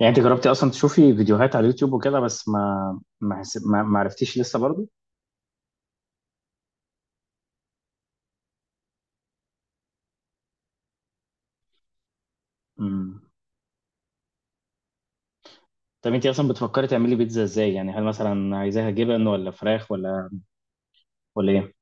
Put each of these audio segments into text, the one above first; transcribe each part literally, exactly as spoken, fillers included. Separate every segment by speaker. Speaker 1: يعني انت جربتي اصلا تشوفي فيديوهات على اليوتيوب وكده بس ما ما حس- ما ما عرفتيش لسه برضو. امم طب انت اصلا بتفكري تعملي بيتزا ازاي؟ يعني هل مثلا عايزاها جبن ولا فراخ ولا ولا ايه؟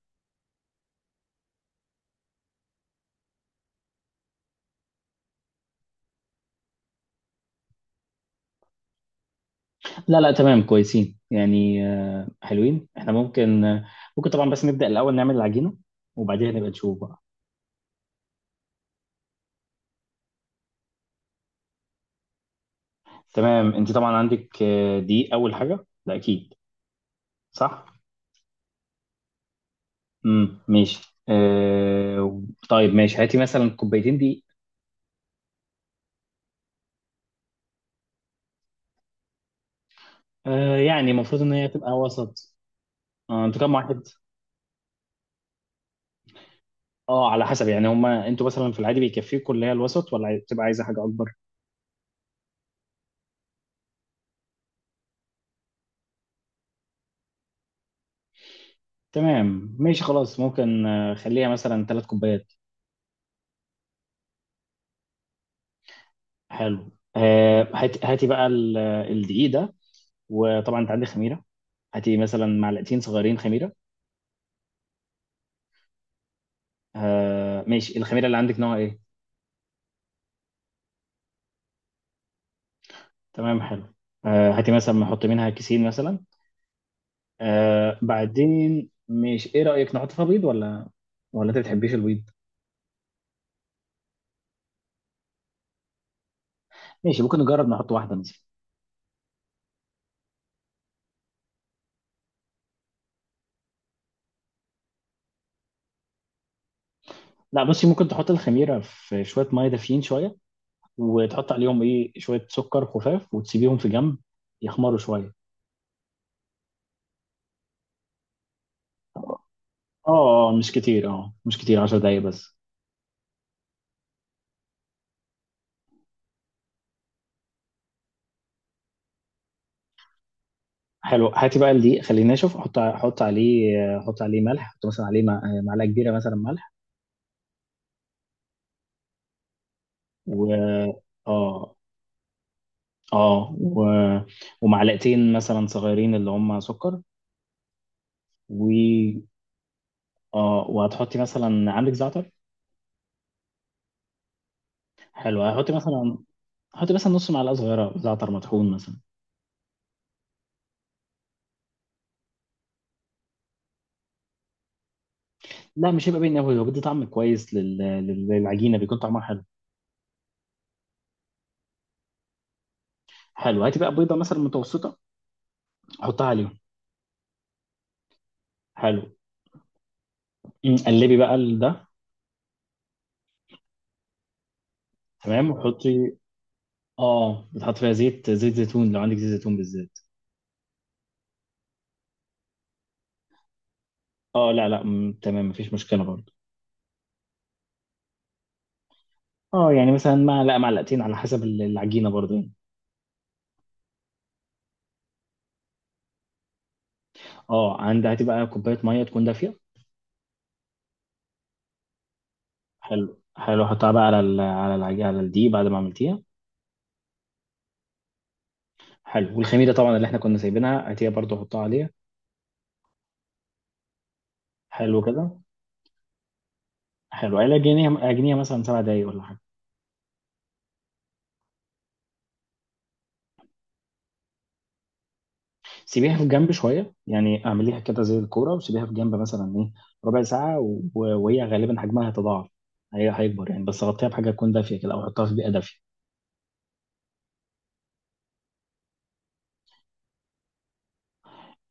Speaker 1: لا لا تمام كويسين. يعني آه، حلوين، احنا ممكن، آه، ممكن طبعا، بس نبدأ الاول نعمل العجينة وبعدين نبقى نشوف بقى. تمام، انت طبعا عندك، آه، دي اول حاجة ده اكيد صح. امم ماشي. آه، طيب ماشي، هاتي مثلا كوبايتين دي. آه، يعني المفروض ان هي تبقى وسط. آه، انتوا كام واحد؟ اه على حسب، يعني هما انتوا مثلا في العادي بيكفيكوا اللي هي الوسط، ولا عايز- بتبقى عايزه حاجه اكبر؟ تمام ماشي خلاص، ممكن، آه، خليها مثلا ثلاث كوبايات. حلو آه، هات- هاتي بقى ال- الدقيق ده. وطبعا انت عندك خميره، هاتي مثلا معلقتين صغيرين خميره. آه، ماشي، الخميره اللي عندك نوع ايه؟ تمام حلو. آه، هاتي مثلا نحط منها كيسين مثلا. آه، بعدين ماشي، ايه رايك نحط فيها بيض ولا ولا انت بتحبيش البيض؟ ماشي ممكن نجرب نحط واحده مثلا. لا بصي، ممكن تحط الخميره في شويه ميه دافيين شويه، وتحط عليهم ايه شويه سكر خفاف، وتسيبيهم في جنب يخمروا شويه. اه اه مش كتير، اه مش كتير، عشرة دقايق بس. حلو هاتي بقى الدقيق خليه ناشف، حط حط عليه، حط عليه ملح، حط مثلا عليه مع- معلقه كبيره مثلا ملح. و اه اه و... ومعلقتين مثلا صغيرين اللي هم سكر. و اه وهتحطي مثلا عندك زعتر؟ حلو هتحطي مثلا، حطي مثلا نص معلقه صغيره زعتر مطحون مثلا. لا مش هيبقى باين قوي، هو بيدي طعم كويس لل... لل- للعجينه بيكون طعمها حلو. حلو هاتي بقى بيضه مثلا متوسطه، حطها عليهم. حلو. أمم، قلبي بقى ال- ده. تمام وحطي، اه بتحط فيها زيت زيت زيتون لو عندك زيت زيتون بالذات. اه لا لا أمم، تمام مفيش مشكله برضه. اه يعني مثلا معلقه معلقتين على حسب ال- العجينه برضه يعني. اه عندي، هاتي بقى كوبايه ميه تكون دافيه. حلو حلو، حطها بقى على ال... على العجينه على الدقيق بعد ما عملتيها. حلو، والخميره طبعا اللي احنا كنا سايبينها هاتيها برضه حطها عليها. حلو كده. حلو على جنيه جنيه مثلا سبع دقايق ولا حاجه. سيبيها في جنب شويه يعني، اعمليها كده زي الكوره وسيبيها في جنب مثلا ايه ربع ساعه. و- وهي غالبا حجمها هيتضاعف، هي هيكبر يعني، بس غطيها بحاجه تكون دافيه كده او حطها في بيئه دافيه.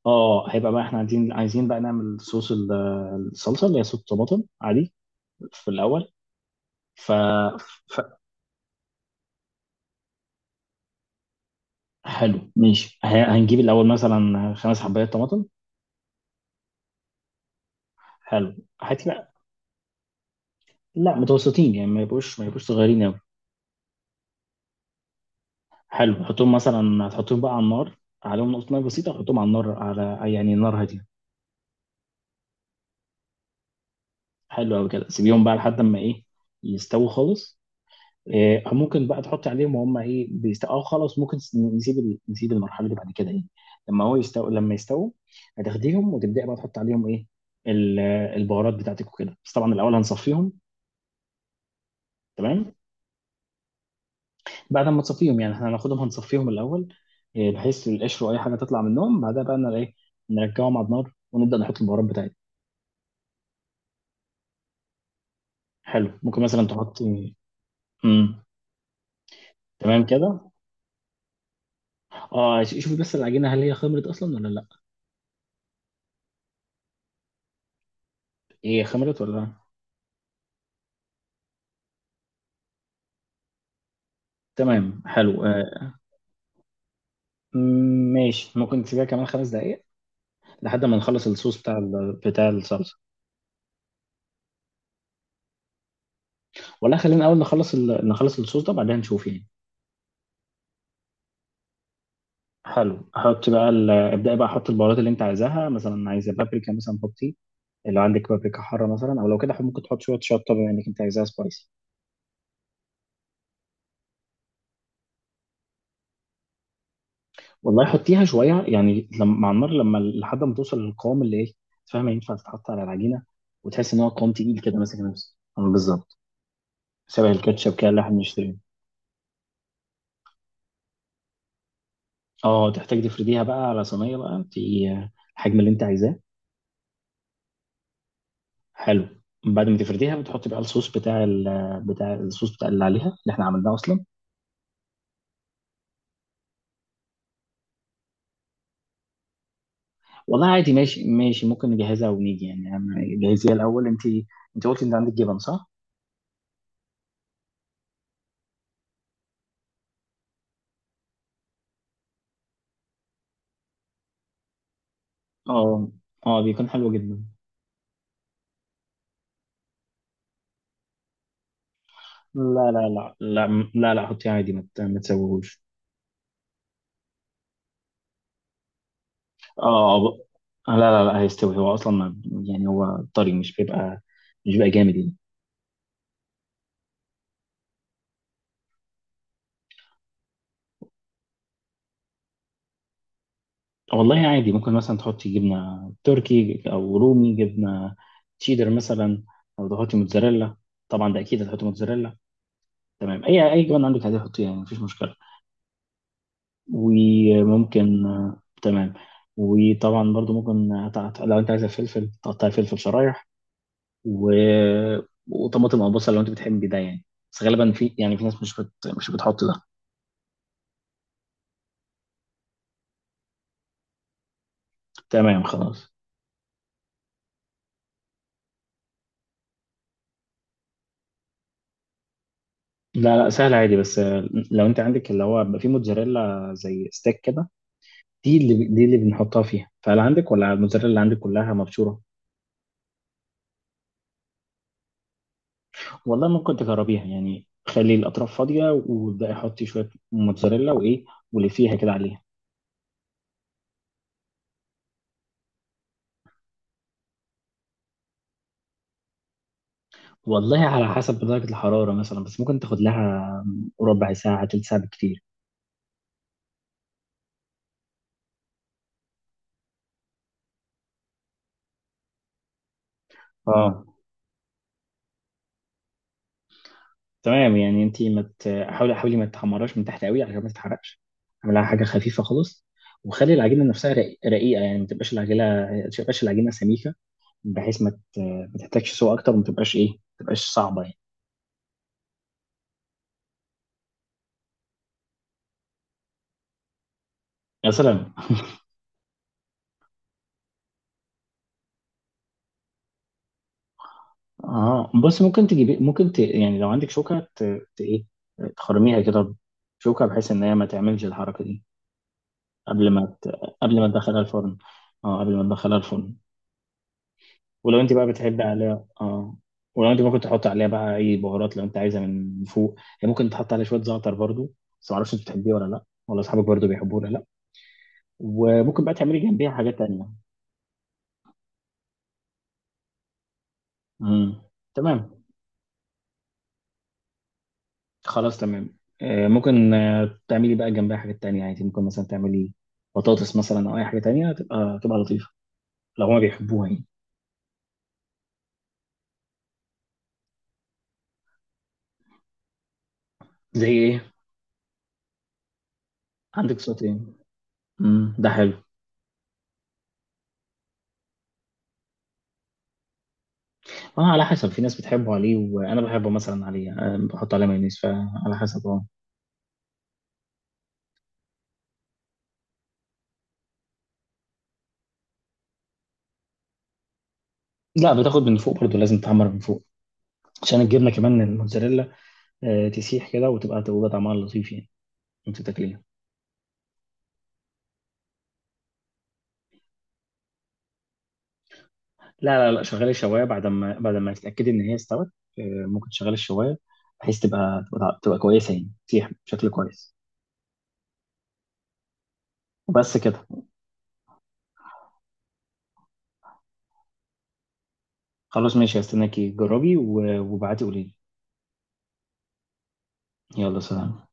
Speaker 1: اه. آه، هيبقى بقى احنا عايزين عايزين بقى نعمل صوص ال- الصلصه اللي هي صوص طماطم عادي في الاول. ف... ف... حلو ماشي ه- هنجيب الاول مثلا خمس حبايات طماطم. حلو هاتي بقى، لا متوسطين، يعني ما يبقوش ما يبقوش صغيرين. حلو حطهم مثلا، هتحطهم بقى على النار، عليهم نقطة نار بسيطة، حطهم على النار على يعني نار هادية. حلو أوي كده، سيبيهم بقى لحد ما إيه يستووا خالص. إيه ممكن بقى تحطي عليهم وهم إيه بيستووا، أو خلاص ممكن س- نسيب ال- نسيب المرحلة دي، بعد كده إيه لما هو يستوي لما يستووا هتاخديهم وتبدأي بقى تحطي عليهم إيه ال- البهارات بتاعتك وكده، بس طبعا الأول هنصفيهم. تمام، بعد ما تصفيهم، يعني إحنا هناخدهم هنصفيهم الأول إيه، بحيث القشر وأي حاجة تطلع منهم، بعدها بقى إيه نرجعهم على النار ونبدأ نحط البهارات بتاعتنا. حلو ممكن مثلا تحطي. امم تمام كده. اه ش- شوفي بس العجينه، هل هي خمرت اصلا ولا لا؟ هي خمرت ولا لا؟ تمام حلو آه. مم، ماشي، ممكن تسيبيها كمان خمس دقائق لحد ما نخلص الصوص بتاع ال... بتاع الصلصه. ولا خلينا اول نخلص ال... نخلص الصوص ده بعدين نشوف يعني. حلو حط بقى ال... ابدأي بقى حط البهارات اللي انت عايزاها، مثلا عايزه بابريكا مثلا حطي، لو عندك بابريكا حاره مثلا، او لو كده ممكن تحط شويه شطه بما انك انت عايزاها سبايسي. والله حطيها شويه يعني لما مع النار لما لحد ما توصل للقوام اللي ايه، فاهمه ينفع تتحط على العجينه، وتحس ان هو قوام تقيل كده ماسك نفسه، آه، بالظبط، شبه الكاتشب كده اللي احنا بنشتريه. اه تحتاج تفرديها بقى على صينيه بقى، انت الحجم اللي انت عايزاه. حلو. بعد ما تفرديها بتحط بقى الصوص بتاع ال بتاع الصوص بتاع اللي عليها، اللي احنا عملناه اصلا. والله عادي، ماشي ماشي، ممكن نجهزها ونيجي يعني، أنا- جهزيها الاول انت. انت قلتي ان عندك جبن صح؟ اه اه، بيكون حلو جدا. لا لا لا لا م- لا لا، حطيه عادي ما ت- ما تسويهوش. اه ب- لا لا لا هيستوي هو اصلا، ما، يعني هو طري، مش بيبقى مش بيبقى جامد يعني. والله عادي ممكن مثلا تحطي جبنه تركي او رومي، جبنه تشيدر مثلا، او تحطي موتزاريلا، طبعا ده اكيد هتحطي موتزاريلا. تمام، اي اي جبنه عندك هتحطيها يعني مفيش مشكله. وممكن آه، تمام. وطبعا برضو ممكن هت- هت- لو انت عايزه فلفل تقطعي فلفل شرايح، و... وطماطم او بصل لو انت بتحب ده يعني، بس غالبا في يعني في ناس مش بت... مش بتحط ده. تمام خلاص. لا لا، سهل عادي، بس آه، لو انت عندك اللي هو بيبقى في موتزاريلا زي ستيك كده، دي اللي دي اللي بنحطها فيها، فهل عندك، ولا الموتزاريلا اللي عندك كلها مبشوره؟ والله ممكن تجربيها يعني، خلي الاطراف فاضيه وابداي حطي شويه موتزاريلا وايه واللي فيها كده عليها. والله على حسب درجه الحراره مثلا، بس ممكن تاخد لها ربع ساعه تلت ساعه بالكتير. اه تمام، يعني انت، ما مت... حاولي حاولي ما تحمراش من تحت قوي عشان ما تتحرقش، اعملها حاجه خفيفه خالص، وخلي العجينه نفسها رقي- رقيقه يعني، ما تبقاش العجينه ما تبقاش العجينه سميكه، بحيث ما ت... ما تحتاجش سوء اكتر، وما تبقاش ايه ما تبقاش صعبه يعني. يا سلام. اه بص ممكن تجيبي، ممكن ت... يعني لو عندك شوكه ت... ت... ايه تخرميها كده بشوكه، بحيث ان هي ما تعملش الحركه دي، قبل ما ت... قبل ما تدخلها الفرن. اه قبل ما تدخلها الفرن. ولو انت بقى بتحبي عليها اه. ولو انت ممكن تحط عليها بقى اي بهارات لو انت عايزه من فوق. هي ممكن تحط عليها شويه زعتر برضو، بس ما اعرفش انت بتحبيه ولا لا، ولا اصحابك برضو بيحبوه ولا لا. وممكن بقى تعملي جنبيها حاجات تانية. امم تمام. خلاص تمام، آه ممكن، آه تعملي بقى جنبها حاجات تانية يعني، ممكن مثلا تعملي بطاطس مثلا او اي حاجه تانية تبقى تبقى لطيفه لو هما بيحبوها يعني. زي ايه؟ عندك صوتين. امم ده حلو. اه على حسب، في ناس بتحبه عليه، وانا بحبه مثلا عليه، آه بحط عليه مايونيز، فعلى حسب اه. لا بتاخد من فوق برضه، لازم تحمر من فوق عشان الجبنه كمان الموتزاريلا آه، تسيح كده وتبقى تبقى طعمها لطيف يعني وانت تاكليها. لا لا لا شغلي الشوايه بعد ما بعد ما تتاكدي ان هي استوت. آه، ممكن تشغلي الشوايه بحيث تبقى تبقى, تبقى كويسه يعني تسيح بشكل كويس، وبس كده. خلاص ماشي هستناكي، جربي و- وابعتي قولي لي. يلا سلام.